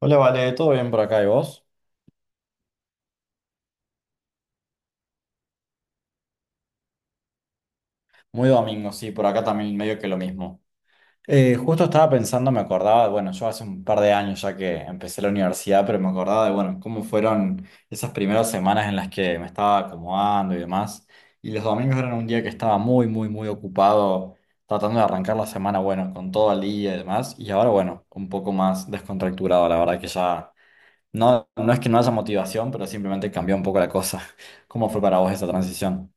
Hola, Vale, ¿todo bien por acá y vos? Muy domingo, sí, por acá también medio que lo mismo. Justo estaba pensando, me acordaba, bueno, yo hace un par de años ya que empecé la universidad, pero me acordaba de, bueno, cómo fueron esas primeras semanas en las que me estaba acomodando y demás. Y los domingos eran un día que estaba muy, muy, muy ocupado tratando de arrancar la semana, bueno, con todo el día y demás. Y ahora, bueno, un poco más descontracturado, la verdad que ya, no, no es que no haya motivación, pero simplemente cambió un poco la cosa. ¿Cómo fue para vos esa transición?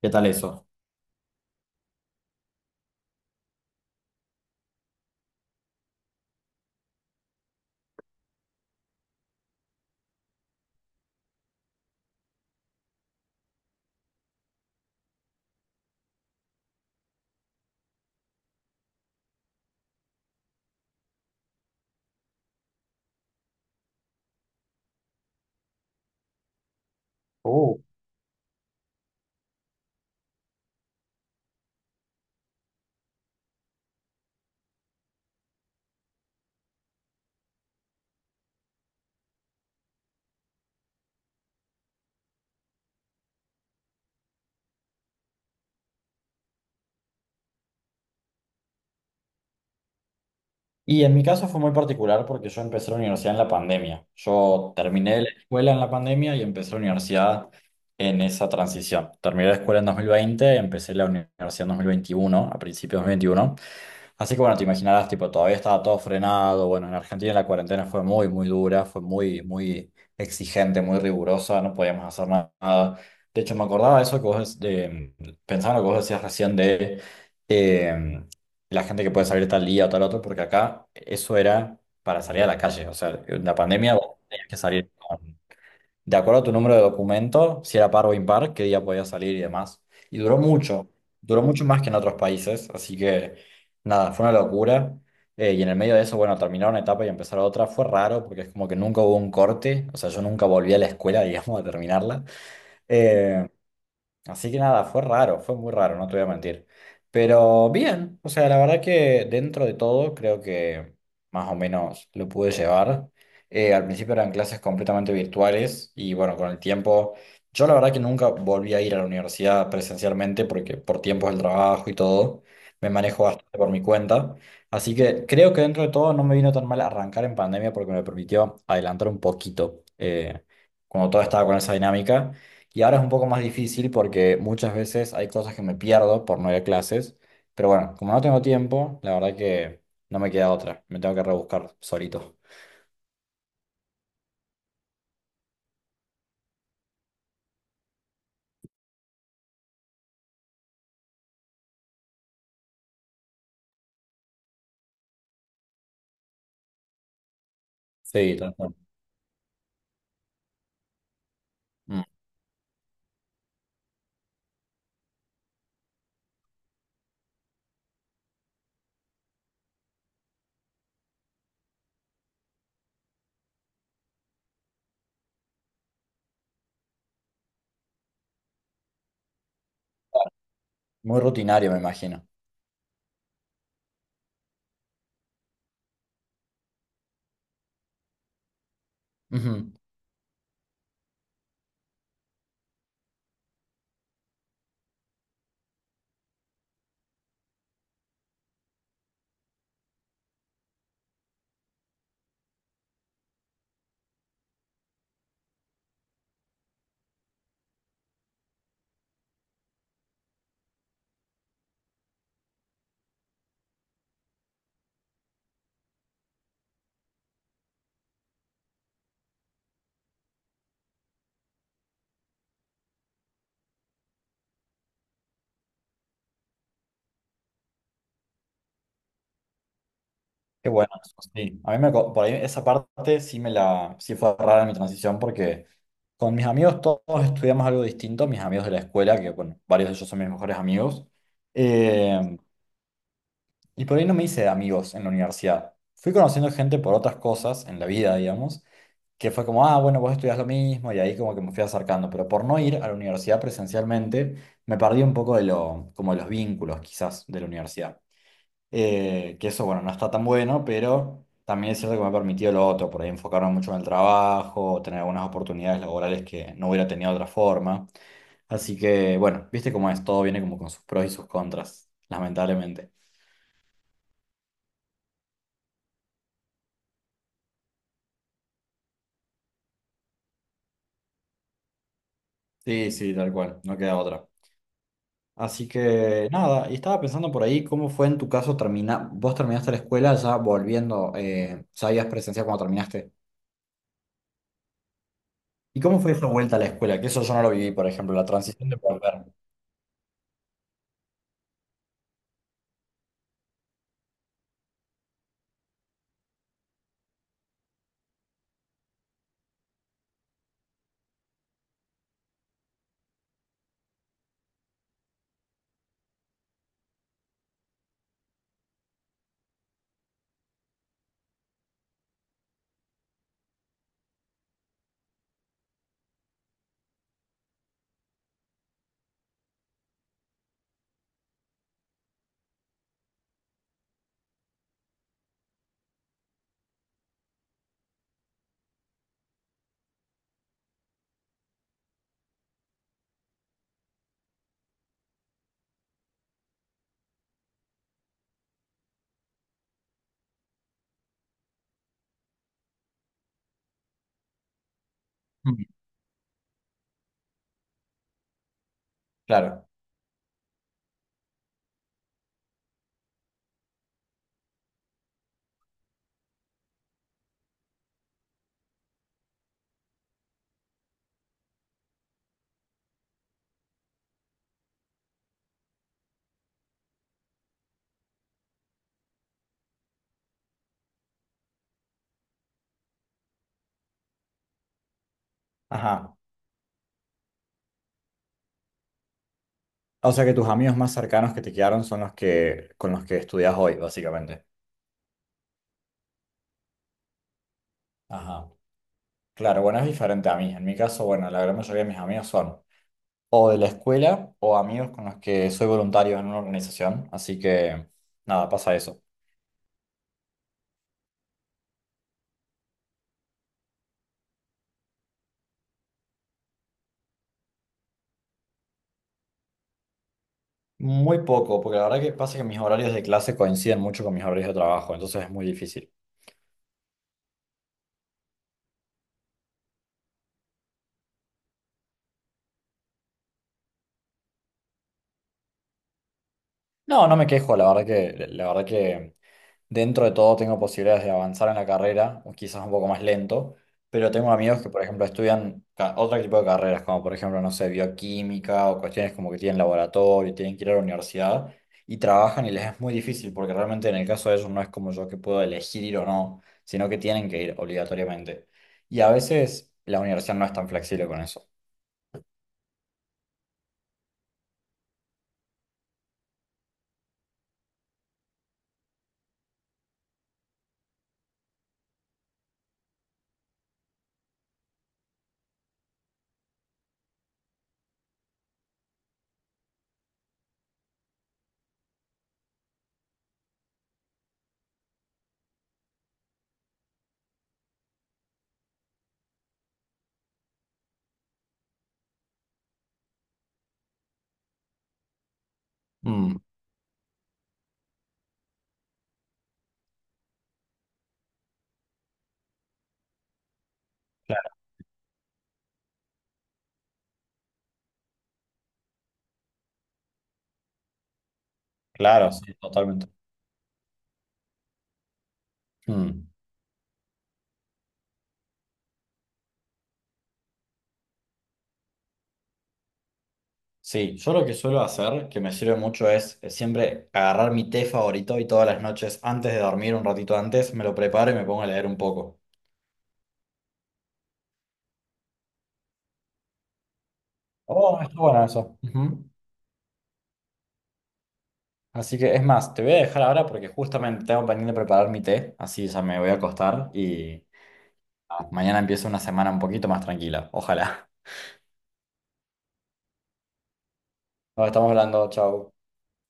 ¿Qué tal eso? Oh. Y en mi caso fue muy particular porque yo empecé la universidad en la pandemia. Yo terminé la escuela en la pandemia y empecé la universidad en esa transición. Terminé la escuela en 2020, empecé la universidad en 2021, a principios de 2021. Así que bueno, te imaginarás, tipo, todavía estaba todo frenado. Bueno, en Argentina la cuarentena fue muy, muy dura, fue muy, muy exigente, muy rigurosa, no podíamos hacer nada. De hecho, me acordaba de eso pensaba en lo que vos decías recién de eh, la gente que puede salir tal día o tal otro, porque acá eso era para salir a la calle. O sea, en la pandemia vos tenías que salir de acuerdo a tu número de documento, si era par o impar, qué día podía salir y demás. Y duró mucho más que en otros países, así que nada, fue una locura. Y en el medio de eso, bueno, terminar una etapa y empezar otra fue raro porque es como que nunca hubo un corte, o sea, yo nunca volví a la escuela, digamos, a terminarla. Eh, Así que nada, fue raro, fue muy raro, no te voy a mentir. Pero bien, o sea, la verdad que dentro de todo creo que más o menos lo pude llevar. Al principio eran clases completamente virtuales y bueno, con el tiempo, yo la verdad que nunca volví a ir a la universidad presencialmente porque por tiempos del trabajo y todo, me manejo bastante por mi cuenta. Así que creo que dentro de todo no me vino tan mal arrancar en pandemia porque me permitió adelantar un poquito cuando todo estaba con esa dinámica. Y ahora es un poco más difícil porque muchas veces hay cosas que me pierdo por no ir a clases. Pero bueno, como no tengo tiempo, la verdad que no me queda otra. Me tengo que rebuscar solito. Sí, tal cual. Mm. Muy rutinario, me imagino. Ujú. Qué bueno, eso sí. A mí por ahí esa parte sí fue rara mi transición porque con mis amigos todos estudiamos algo distinto. Mis amigos de la escuela, que bueno, varios de ellos son mis mejores amigos. Eh, Y por ahí no me hice amigos en la universidad. Fui conociendo gente por otras cosas en la vida, digamos, que fue como, ah, bueno, vos estudias lo mismo, y ahí como que me fui acercando. Pero por no ir a la universidad presencialmente, me perdí un poco de lo, como de los vínculos quizás de la universidad. Que eso, bueno, no está tan bueno, pero también es cierto que me ha permitido lo otro, por ahí enfocarme mucho en el trabajo, tener algunas oportunidades laborales que no hubiera tenido de otra forma. Así que, bueno, viste cómo es, todo viene como con sus pros y sus contras, lamentablemente. Sí, sí, tal cual, no queda otra. Así que nada, y estaba pensando por ahí cómo fue en tu caso terminar, vos terminaste la escuela ya volviendo, ya habías presenciado cuando terminaste. ¿Y cómo fue esa vuelta a la escuela? Que eso yo no lo viví, por ejemplo, la transición de volver. Mm. Claro. Ajá. O sea que tus amigos más cercanos que te quedaron son los que con los que estudias hoy, básicamente. Ajá. Claro, bueno, es diferente a mí. En mi caso, bueno, la gran mayoría de mis amigos son o de la escuela o amigos con los que soy voluntario en una organización. Así que nada, pasa eso. Muy poco, porque la verdad que pasa que mis horarios de clase coinciden mucho con mis horarios de trabajo, entonces es muy difícil. No, no me quejo, la verdad que dentro de todo tengo posibilidades de avanzar en la carrera, o quizás un poco más lento, pero tengo amigos que, por ejemplo, estudian otro tipo de carreras, como por ejemplo, no sé, bioquímica o cuestiones como que tienen laboratorio, tienen que ir a la universidad y trabajan y les es muy difícil, porque realmente en el caso de ellos no es como yo que puedo elegir ir o no, sino que tienen que ir obligatoriamente. Y a veces la universidad no es tan flexible con eso. Mm, claro, claro, sí, totalmente. Mm. Sí, yo lo que suelo hacer, que me sirve mucho, es siempre agarrar mi té favorito y todas las noches, antes de dormir, un ratito antes, me lo preparo y me pongo a leer un poco. Oh, está bueno eso. Ujú. Así que es más, te voy a dejar ahora porque justamente tengo pendiente preparar mi té, así ya me voy a acostar y ah, mañana empieza una semana un poquito más tranquila. Ojalá. Nos estamos hablando, chao.